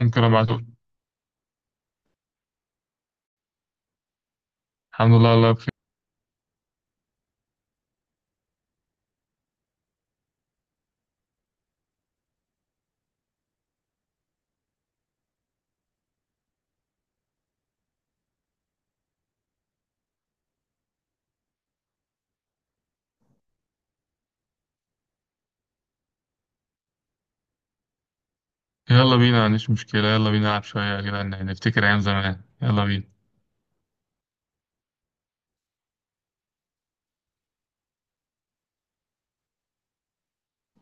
ممكن ابعته. الحمد لله الله بخير. يلا بينا، مفيش مشكلة، يلا بينا نلعب شوية يا جدعان، يعني نفتكر أيام زمان، يلا بينا.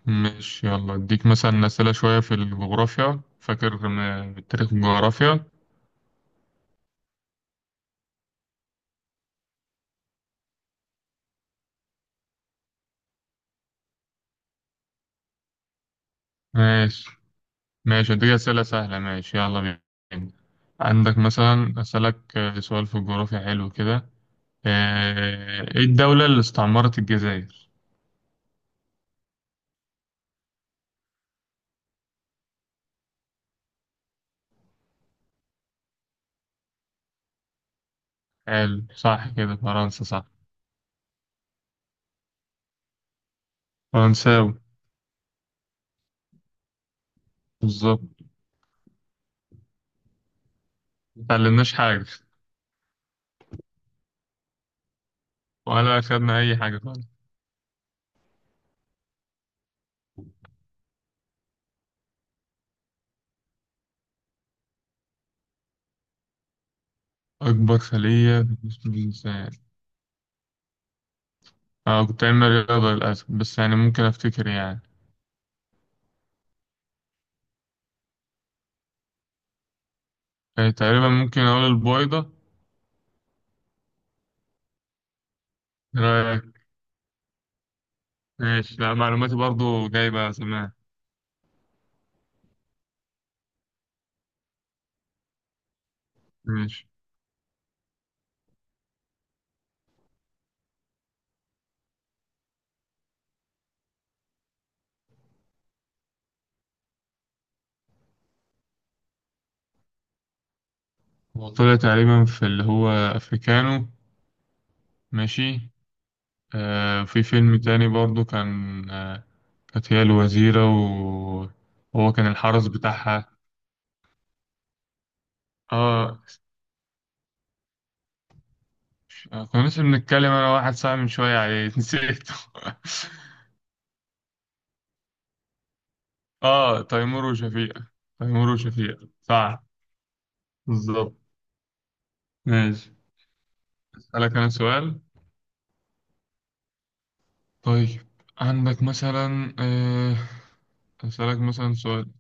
ماشي، يلا اديك مثلا أسئلة شوية في الجغرافيا، فاكر من التاريخ والجغرافيا. ماشي، ماشي اديك أسئلة سهلة، ماشي يلا بينا. عندك مثلا أسألك سؤال في الجغرافيا حلو كده. ايه الدولة اللي استعمرت الجزائر؟ حلو، صح كده، فرنسا صح. فرنساوي. بالظبط. متعلمناش حاجة، ولا أخدنا أي حاجة. أكبر خلية في جسم الإنسان؟ أنا كنت علمي رياضة للأسف، بس يعني ممكن أفتكر يعني. تقريبا ممكن أقول البويضة. إيه رأيك؟ ماشي، لا معلوماتي برضو جايبة سماع. ماشي. هو طلع تقريبا في اللي هو أفريكانو. ماشي. آه، في فيلم تاني برضو كان آه، كانت هي الوزيرة، وهو كان الحرس بتاعها. اه. كنا لسه بنتكلم أنا واحد صاحبي من شوية عليه نسيته. اه، تيمور وشفيق. تيمور وشفيق صح. بالظبط. ماشي. اسألك انا سؤال. طيب، عندك مثلا اسألك مثلا سؤال.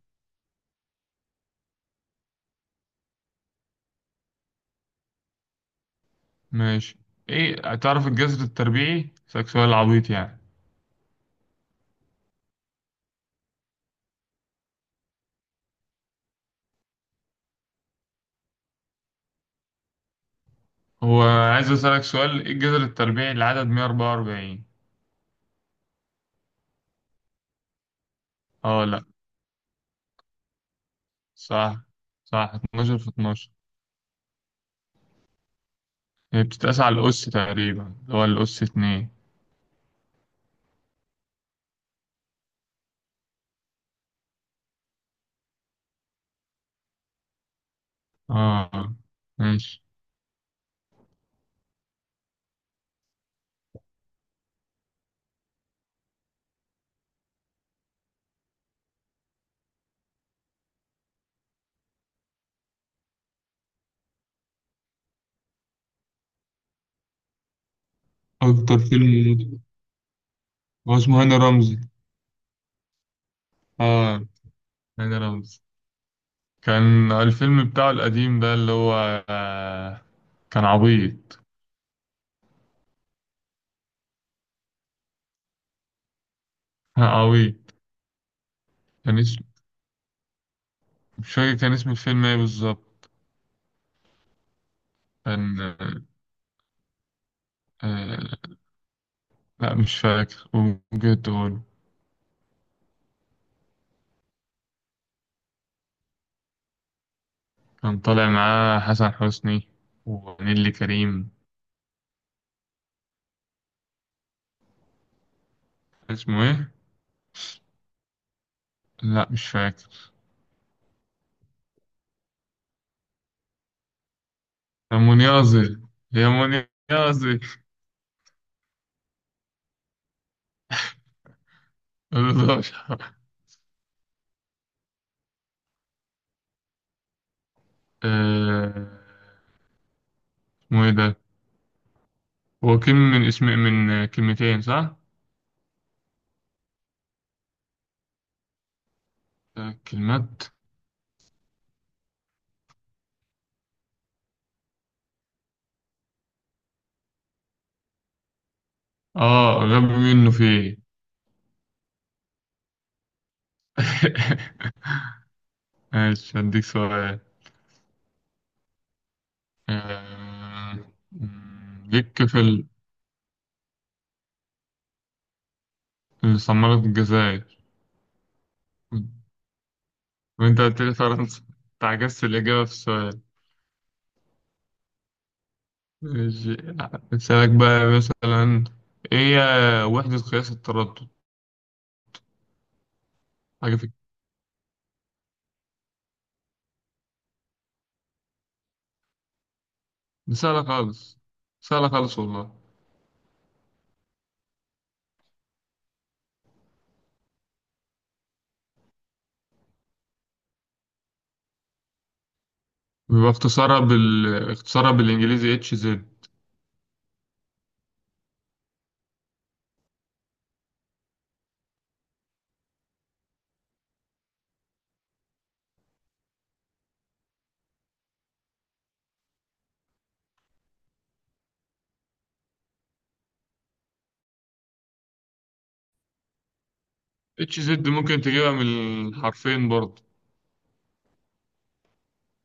ماشي. ايه، تعرف الجذر التربيعي؟ اسألك سؤال عبيط يعني. هو عايز اسألك سؤال، ايه الجذر التربيعي لعدد 144؟ اه، لا، صح، صح، 12 في 12. هي بتتقاس على الأس تقريبا، اللي هو الأس اتنين. اه. ماشي. أكتر فيلم. هو اسمه هاني رمزي. اه، هاني رمزي. كان الفيلم بتاعه القديم ده اللي هو، آه، كان عبيط. عبيط. كان اسم، مش فاكر كان اسم الفيلم ايه بالظبط. كان آه، لا مش فاكر، ممكن تقول. كان طالع معاه حسن حسني ونيلي كريم. اسمه ايه؟ لا مش فاكر. يا منيازي، يا منيازي. مش عارف. آه، اسمه ايه ده؟ هو كلمة من اسم من كلمتين صح؟ كلمات. اه، غبي منه في ايه. ماشي، هديك سؤال. آه، ليك في اللي صممت الجزائر، وانت قلت لي فرنسا. انت عجزت الإجابة في السؤال. ماشي. أسألك بقى مثلا، ايه هي وحدة قياس التردد؟ حاجة في، دي سهلة خالص، سهلة خالص والله. بيبقى اختصارها اختصارها بالإنجليزي اتش زد. اتش زد ممكن تجيبها من الحرفين برضه.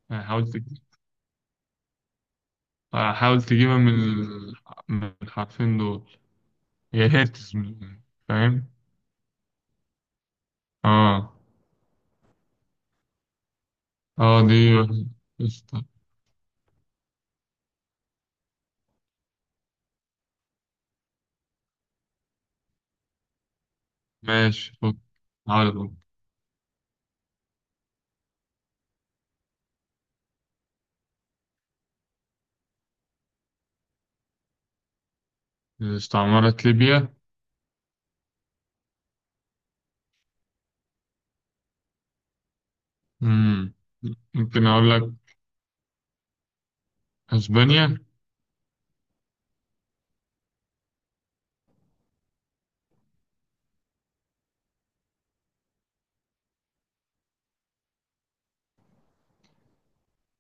يعني حاولت. حاول تجيبها من من الحرفين دول. هي هرتز فاهم. اه. اه دي واحدة. قشطة. ماشي، فك، حاول أفك. استعمرت ليبيا. مم، ممكن أقول لك أسبانيا.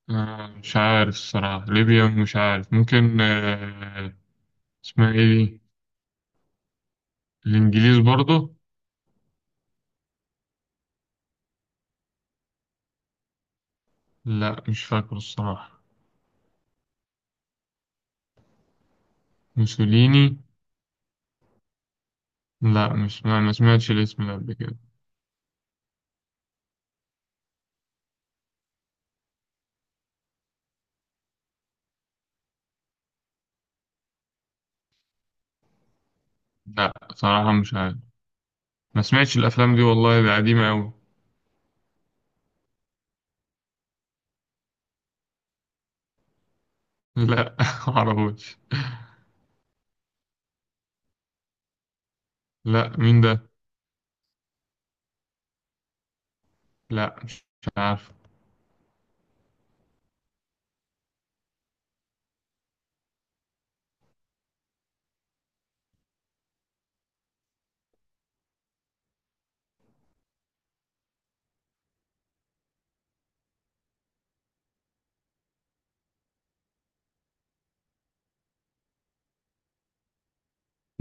آه مش عارف الصراحة، ليبيا مش عارف، ممكن آه. اسمها إيه دي؟ الإنجليز برضو. لا مش فاكر الصراحة. موسوليني. لا، مش ما ما سمعتش الاسم ده قبل كده. لا صراحة مش عارف. ما سمعتش الافلام دي والله، ده قديمه قوي. لا معرفوش. لا مين ده؟ لا مش عارف.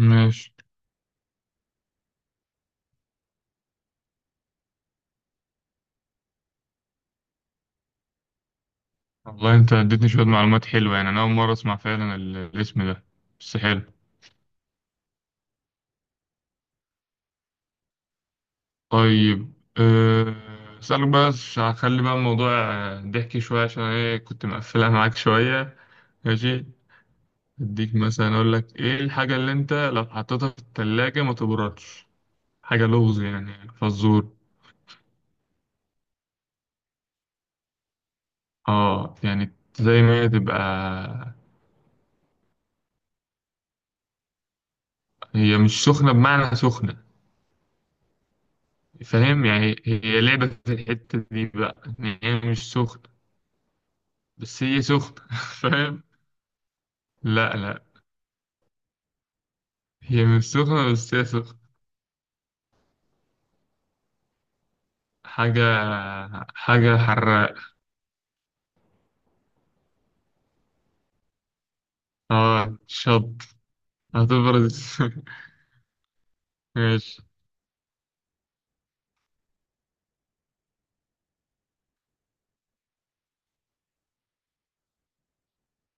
ماشي. والله انت اديتني شويه معلومات حلوه يعني، انا اول مره اسمع فعلا الاسم ده، بس حلو. طيب اسالك بقى هخلي بقى الموضوع ضحكي شويه، عشان ايه كنت مقفلها معاك شويه. ماشي، اديك مثلا اقول لك ايه الحاجه اللي انت لو حطيتها في الثلاجه ما تبردش، حاجه لغز يعني فزور. اه يعني زي ما هي تبقى. هي مش سخنة بمعنى سخنة، فاهم؟ يعني هي لعبة في الحتة دي بقى، يعني هي مش سخنة بس هي سخنة. فاهم؟ لا لا، هي مش سخنة بس هي سخنة. حاجة، حاجة حراق. اه شط. هتبرد. ماشي.